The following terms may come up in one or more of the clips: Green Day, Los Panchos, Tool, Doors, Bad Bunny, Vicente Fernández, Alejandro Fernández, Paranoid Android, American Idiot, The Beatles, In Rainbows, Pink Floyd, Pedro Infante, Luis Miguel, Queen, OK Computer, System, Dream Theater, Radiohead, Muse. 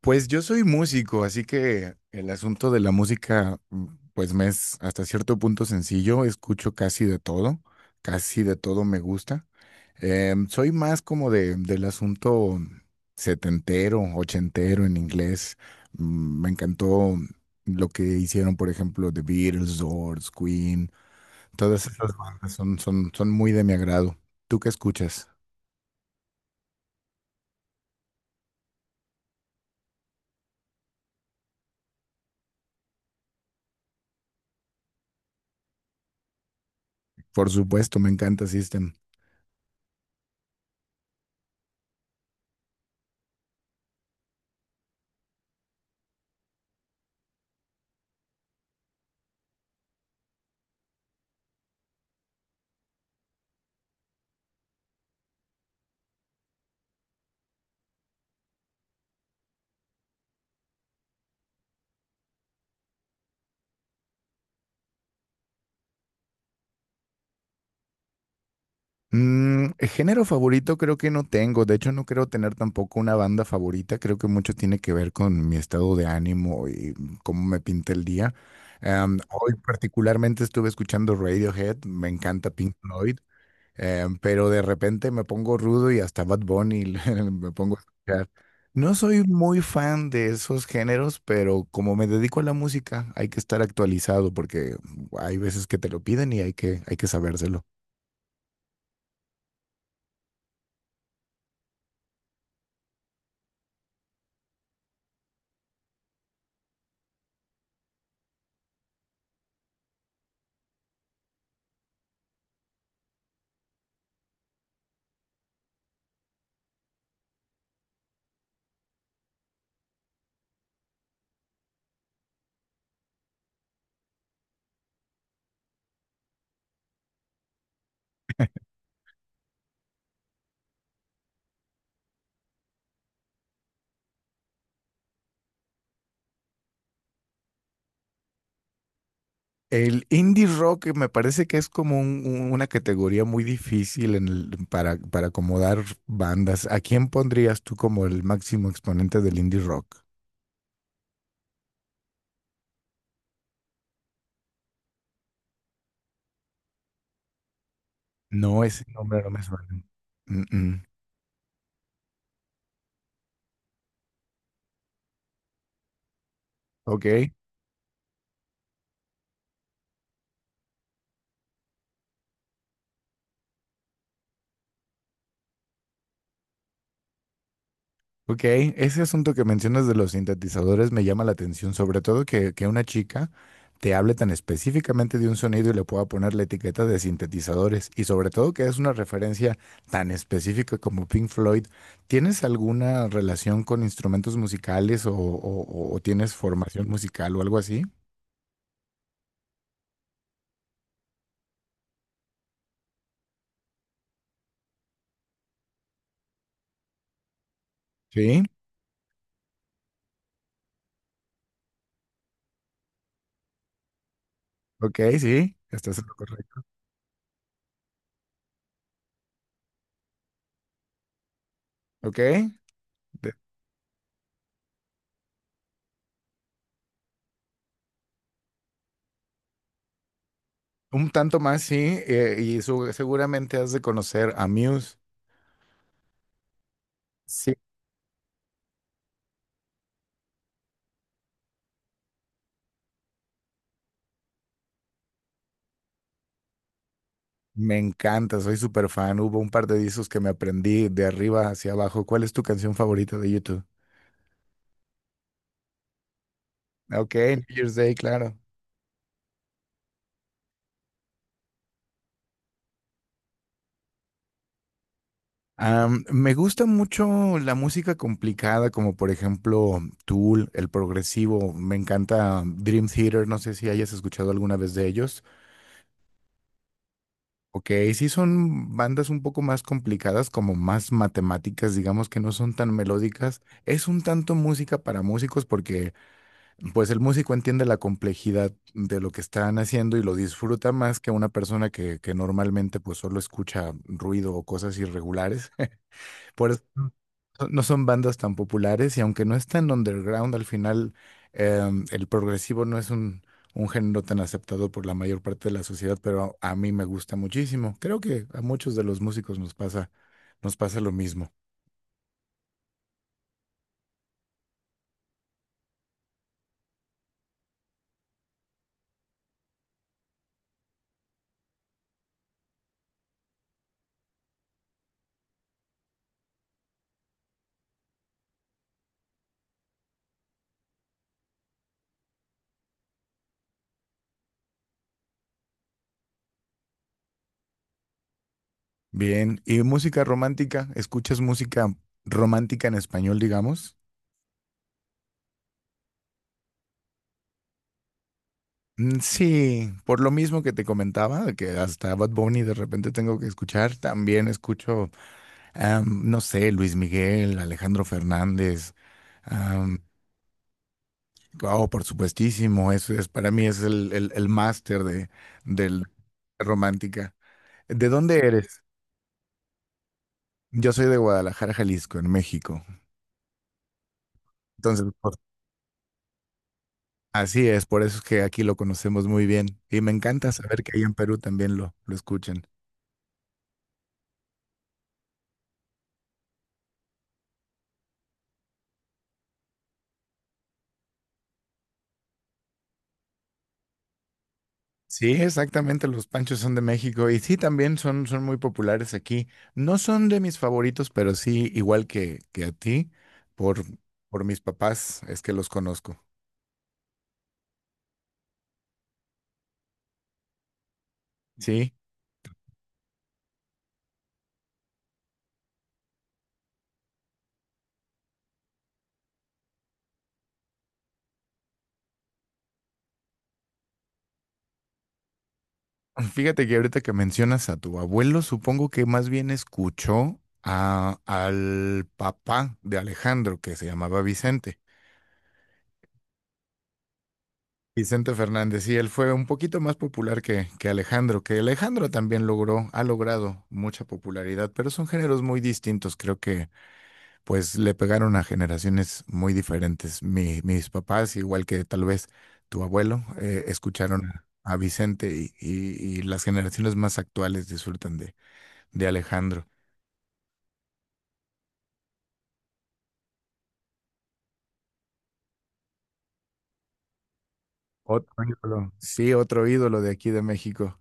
Pues yo soy músico, así que el asunto de la música, pues me es hasta cierto punto sencillo. Escucho casi de todo me gusta. Soy más como del asunto setentero, ochentero en inglés. Me encantó lo que hicieron, por ejemplo, The Beatles, Doors, Queen. Todas esas bandas son muy de mi agrado. ¿Tú qué escuchas? Por supuesto, me encanta System. Mm, género favorito creo que no tengo, de hecho no creo tener tampoco una banda favorita, creo que mucho tiene que ver con mi estado de ánimo y cómo me pinta el día. Hoy particularmente estuve escuchando Radiohead, me encanta Pink Floyd, pero de repente me pongo rudo y hasta Bad Bunny me pongo a escuchar. No soy muy fan de esos géneros, pero como me dedico a la música, hay que estar actualizado porque hay veces que te lo piden y hay que sabérselo. El indie rock me parece que es como una categoría muy difícil para acomodar bandas. ¿A quién pondrías tú como el máximo exponente del indie rock? No, ese nombre no me suena. Mm, mm. Ok. Ok, ese asunto que mencionas de los sintetizadores me llama la atención, sobre todo que una chica te hable tan específicamente de un sonido y le pueda poner la etiqueta de sintetizadores y sobre todo que es una referencia tan específica como Pink Floyd. ¿Tienes alguna relación con instrumentos musicales o tienes formación musical o algo así? Sí, ok, sí, estás en lo correcto. Ok, de- un tanto más, sí, y seguramente has de conocer a Muse. Me encanta, soy súper fan. Hubo un par de discos que me aprendí de arriba hacia abajo. ¿Cuál es tu canción favorita de YouTube? Ok, New Year's Day, claro. Me gusta mucho la música complicada, como por ejemplo Tool, el progresivo. Me encanta Dream Theater, no sé si hayas escuchado alguna vez de ellos. Ok, sí son bandas un poco más complicadas, como más matemáticas, digamos que no son tan melódicas. Es un tanto música para músicos porque pues el músico entiende la complejidad de lo que están haciendo y lo disfruta más que una persona que normalmente pues solo escucha ruido o cosas irregulares. Por eso no son bandas tan populares y aunque no están underground, al final el progresivo no es un género tan aceptado por la mayor parte de la sociedad, pero a mí me gusta muchísimo. Creo que a muchos de los músicos nos pasa lo mismo. Bien, ¿y música romántica? ¿Escuchas música romántica en español, digamos? Mm, sí, por lo mismo que te comentaba, de que hasta Bad Bunny de repente tengo que escuchar, también escucho, no sé, Luis Miguel, Alejandro Fernández, am, oh, por supuestísimo, eso es, para mí es el máster de, del romántica. ¿De dónde eres? Yo soy de Guadalajara, Jalisco, en México. Entonces, por- Así es, por eso es que aquí lo conocemos muy bien. Y me encanta saber que ahí en Perú también lo escuchan. Sí, exactamente, los panchos son de México y sí, también son muy populares aquí. No son de mis favoritos, pero sí, igual que a ti, por, por mis papás es que los conozco. Sí, fíjate que ahorita que mencionas a tu abuelo, supongo que más bien escuchó a, al papá de Alejandro, que se llamaba Vicente. Vicente Fernández, sí, él fue un poquito más popular que Alejandro también logró, ha logrado mucha popularidad, pero son géneros muy distintos, creo que pues le pegaron a generaciones muy diferentes. Mis papás, igual que tal vez tu abuelo, escucharon a Vicente y, y las generaciones más actuales disfrutan de Alejandro. Otro ídolo. Sí, otro ídolo de aquí de México.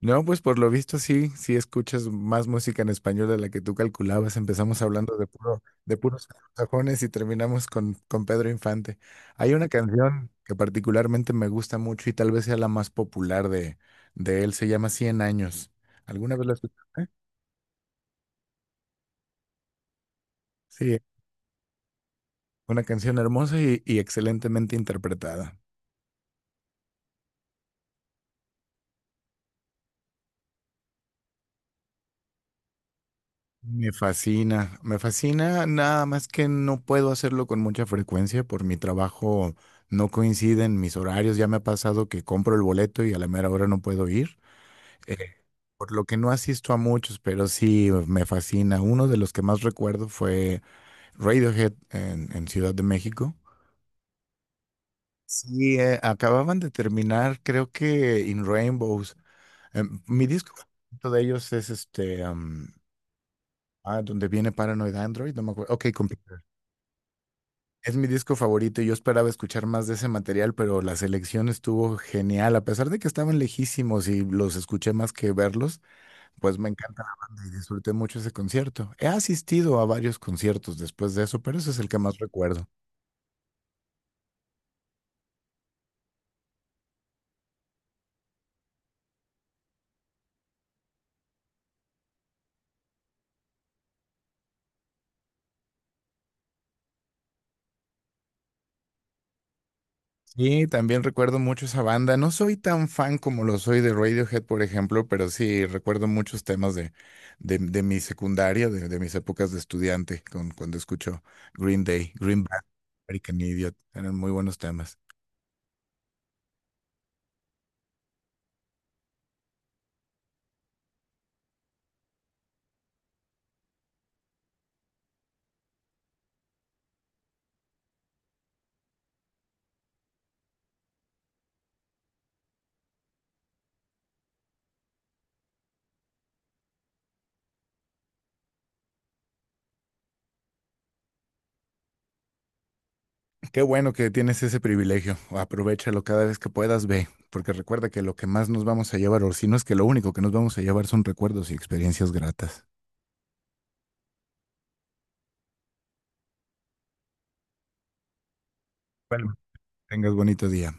No, pues por lo visto sí, sí escuchas más música en español de la que tú calculabas. Empezamos hablando de puro, de puros sajones y terminamos con Pedro Infante. Hay una canción que particularmente me gusta mucho y tal vez sea la más popular de él, se llama Cien años. ¿Alguna vez la escuchaste? Sí, una canción hermosa y excelentemente interpretada. Me fascina, nada más que no puedo hacerlo con mucha frecuencia por mi trabajo, no coinciden mis horarios, ya me ha pasado que compro el boleto y a la mera hora no puedo ir, eh, por lo que no asisto a muchos, pero sí me fascina. Uno de los que más recuerdo fue Radiohead en Ciudad de México. Sí, acababan de terminar, creo que In Rainbows. Mi disco favorito de ellos es este, donde viene Paranoid Android, no me acuerdo. OK Computer. Es mi disco favorito y yo esperaba escuchar más de ese material, pero la selección estuvo genial. A pesar de que estaban lejísimos y los escuché más que verlos, pues me encanta la banda y disfruté mucho ese concierto. He asistido a varios conciertos después de eso, pero ese es el que más recuerdo. Sí, también recuerdo mucho esa banda. No soy tan fan como lo soy de Radiohead, por ejemplo, pero sí recuerdo muchos temas de mi secundaria, de mis épocas de estudiante, con, cuando escucho Green Day, Green Bad, American Idiot. Eran muy buenos temas. Qué bueno que tienes ese privilegio. Aprovéchalo cada vez que puedas, ve, porque recuerda que lo que más nos vamos a llevar, o si no es que lo único que nos vamos a llevar son recuerdos y experiencias gratas. Bueno, tengas bonito día.